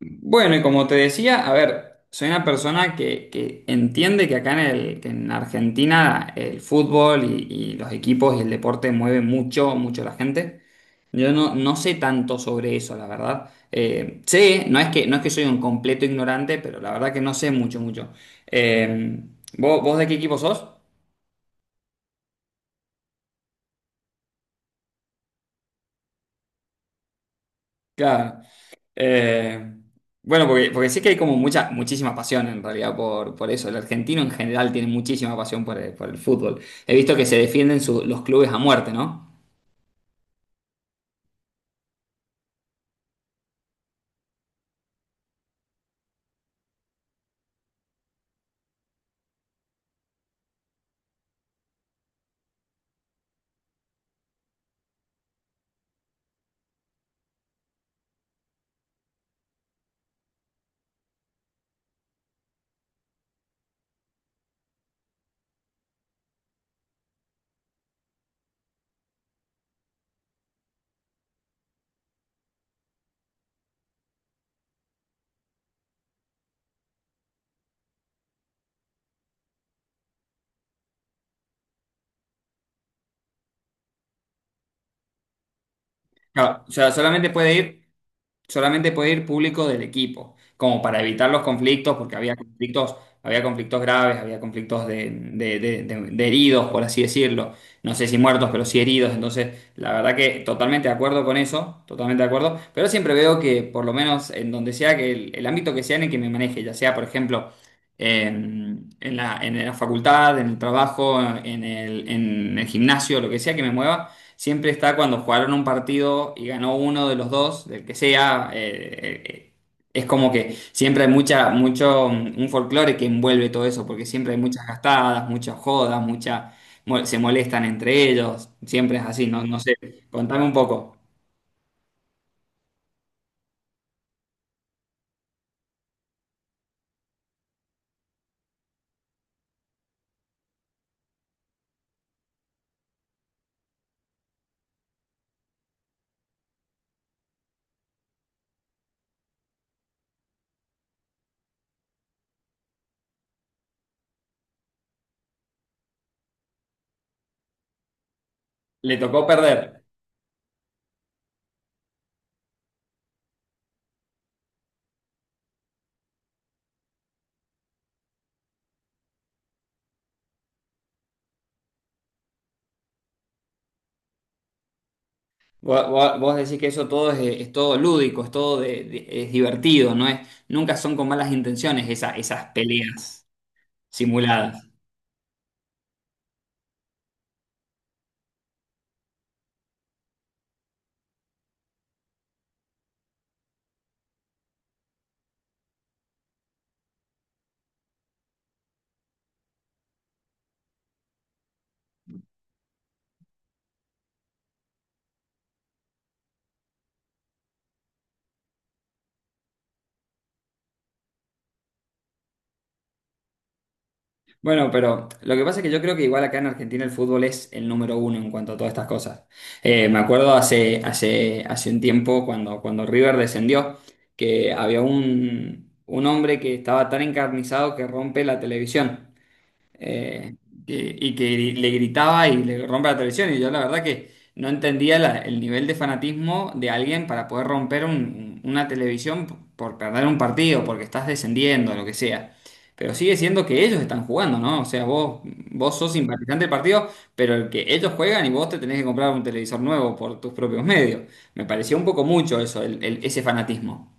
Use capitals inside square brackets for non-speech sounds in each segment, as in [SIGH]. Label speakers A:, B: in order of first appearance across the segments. A: Bueno, y como te decía, a ver, soy una persona que entiende que en Argentina el fútbol y los equipos y el deporte mueven mucho, mucho a la gente. Yo no sé tanto sobre eso, la verdad. Sé, no es que soy un completo ignorante, pero la verdad que no sé mucho, mucho. Eh, ¿vos de qué equipo sos? Claro. Eh, bueno, porque sé que hay como mucha, muchísima pasión en realidad por eso. El argentino en general tiene muchísima pasión por el fútbol. He visto que se defienden los clubes a muerte, ¿no? Claro, o sea, solamente puede ir público del equipo, como para evitar los conflictos, porque había conflictos graves, había conflictos de heridos, por así decirlo. No sé si muertos, pero sí heridos. Entonces, la verdad que totalmente de acuerdo con eso, totalmente de acuerdo. Pero siempre veo que, por lo menos en donde sea, que el ámbito que sea en el que me maneje, ya sea, por ejemplo, en la facultad, en el trabajo, en el gimnasio, lo que sea que me mueva. Siempre está cuando jugaron un partido y ganó uno de los dos, del que sea. Es como que siempre hay un folclore que envuelve todo eso, porque siempre hay muchas gastadas, muchas jodas, se molestan entre ellos. Siempre es así, no sé. Contame un poco. Le tocó perder. Vos decís que eso todo es todo lúdico, es todo es divertido, nunca son con malas intenciones esas peleas simuladas. Bueno, pero lo que pasa es que yo creo que igual acá en Argentina el fútbol es el número uno en cuanto a todas estas cosas. Me acuerdo hace un tiempo cuando River descendió, que había un hombre que estaba tan encarnizado que rompe la televisión, eh, y que le gritaba y le rompe la televisión. Y yo la verdad que no entendía el nivel de fanatismo de alguien para poder romper una televisión por perder un partido, porque estás descendiendo, lo que sea. Pero sigue siendo que ellos están jugando, ¿no? O sea, vos sos simpatizante del partido, pero el que ellos juegan y vos te tenés que comprar un televisor nuevo por tus propios medios. Me pareció un poco mucho eso, ese fanatismo.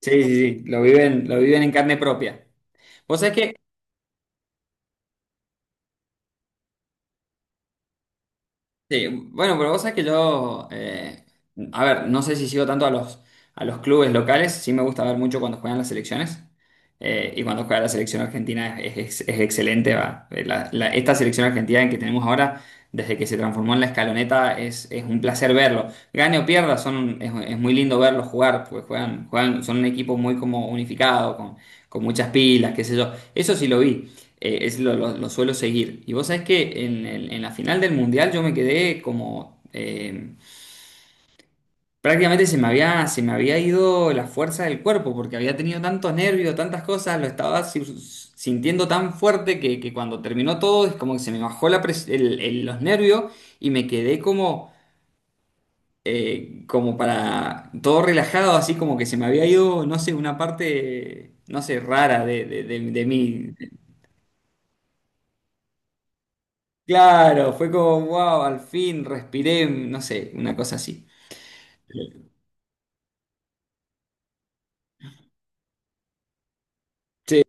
A: Sí, sí, sí, lo viven en carne propia. Vos sabés que Sí, bueno, pero vos sabés que yo, a ver, no sé si sigo tanto a los clubes locales, sí me gusta ver mucho cuando juegan las selecciones, y cuando juega la selección argentina es excelente, va. Esta selección argentina en que tenemos ahora, desde que se transformó en la escaloneta, es un placer verlo. Gane o pierda, es muy lindo verlos jugar, porque juegan, son un equipo muy como unificado, con muchas pilas, qué sé yo. Eso sí lo vi, es lo suelo seguir. Y vos sabés que en la final del Mundial yo me quedé como, prácticamente se me había ido la fuerza del cuerpo porque había tenido tantos nervios, tantas cosas, lo estaba sintiendo tan fuerte que cuando terminó todo es como que se me bajó la pres- el- los nervios y me quedé como, como para todo relajado, así como que se me había ido, no sé, una parte, no sé, rara de mí. Claro, fue como, wow, al fin respiré, no sé, una cosa así. Sí,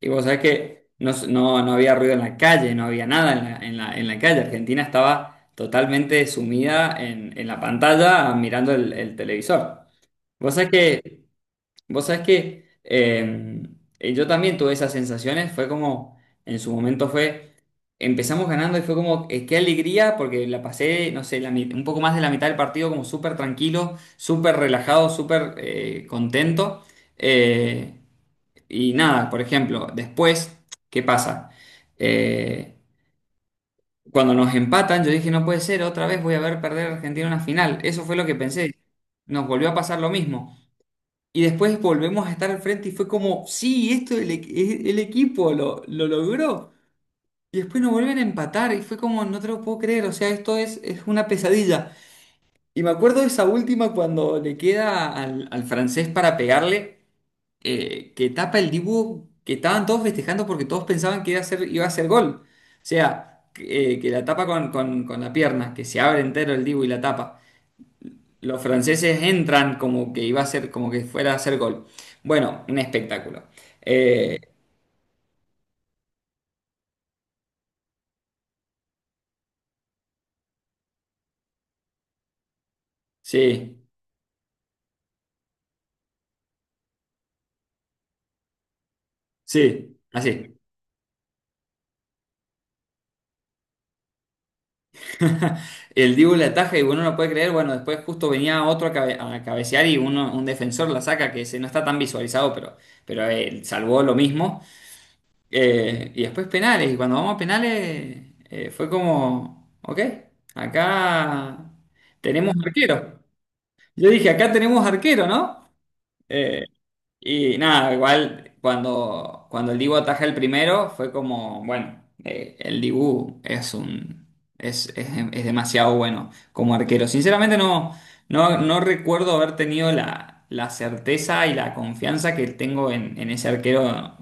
A: y vos sabés que no había ruido en la calle, no había nada en la, en la calle. Argentina estaba totalmente sumida en la pantalla mirando el televisor. Vos sabés que Vos sabés que Yo también tuve esas sensaciones, fue como, en su momento fue, empezamos ganando y fue como, qué alegría, porque la pasé, no sé, un poco más de la mitad del partido como súper tranquilo, súper relajado, súper contento. Eh, y nada, por ejemplo, después, ¿qué pasa? Eh, Cuando nos empatan, yo dije, no puede ser, otra vez voy a ver perder a Argentina una final. Eso fue lo que pensé. Nos volvió a pasar lo mismo. Y después volvemos a estar al frente y fue como, sí, esto el equipo lo logró. Y después nos vuelven a empatar y fue como, no te lo puedo creer, o sea, esto es una pesadilla. Y me acuerdo de esa última cuando le queda al francés para pegarle, que tapa el dibujo, que estaban todos festejando porque todos pensaban que iba a ser gol. O sea, que que la tapa con la pierna, que se abre entero el dibu y la tapa. Los franceses entran como que iba a ser, como que fuera a hacer gol. Bueno, un espectáculo. Eh, sí, sí, así. [LAUGHS] El Dibu la ataja y uno no puede creer. Bueno, después justo venía otro a cabecear y un defensor la saca, no está tan visualizado, pero, pero salvó lo mismo. Y después penales. Y cuando vamos a penales, fue como, ok, acá tenemos arquero. Yo dije, acá tenemos arquero, ¿no? Eh, Y nada, igual cuando el Dibu ataja el primero fue como, bueno, el Dibu es un es demasiado bueno como arquero. Sinceramente no recuerdo haber tenido la certeza y la confianza que tengo en ese arquero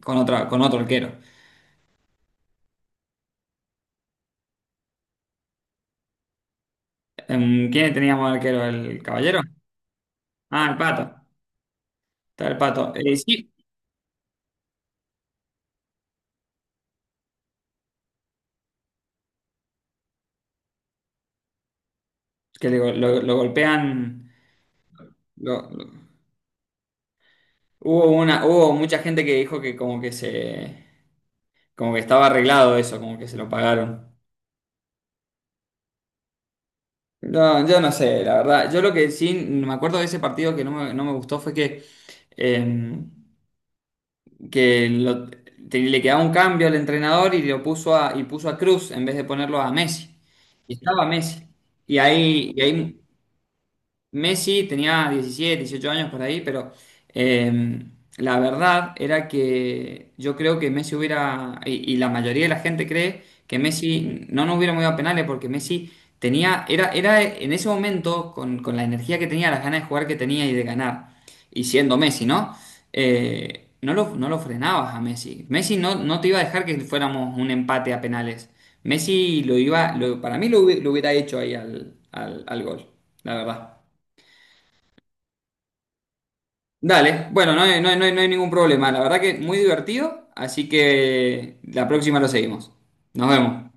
A: con otra, con otro arquero. ¿Quién teníamos arquero? ¿El Caballero? Ah, el Pato. Está el Pato. Sí, que lo golpean. lo- lo- hubo mucha gente que dijo que como que estaba arreglado eso, como que se lo pagaron. No, yo no sé, la verdad. Yo lo que sí me acuerdo de ese partido que no me gustó fue eh, que le quedaba un cambio al entrenador y puso a Cruz en vez de ponerlo a Messi. Y estaba Messi. Y ahí Messi tenía 17, 18 años por ahí, pero eh, la verdad era que yo creo que Messi hubiera, y la mayoría de la gente cree que Messi no nos hubiera movido a penales porque Messi era en ese momento, con la energía que tenía, las ganas de jugar que tenía y de ganar, y siendo Messi, ¿no? No lo frenabas a Messi. Messi no te iba a dejar que fuéramos un empate a penales. Messi para mí lo hubiera hecho ahí al gol, la verdad. Dale, bueno, no hay ningún problema. La verdad que muy divertido, así que la próxima lo seguimos. Nos vemos.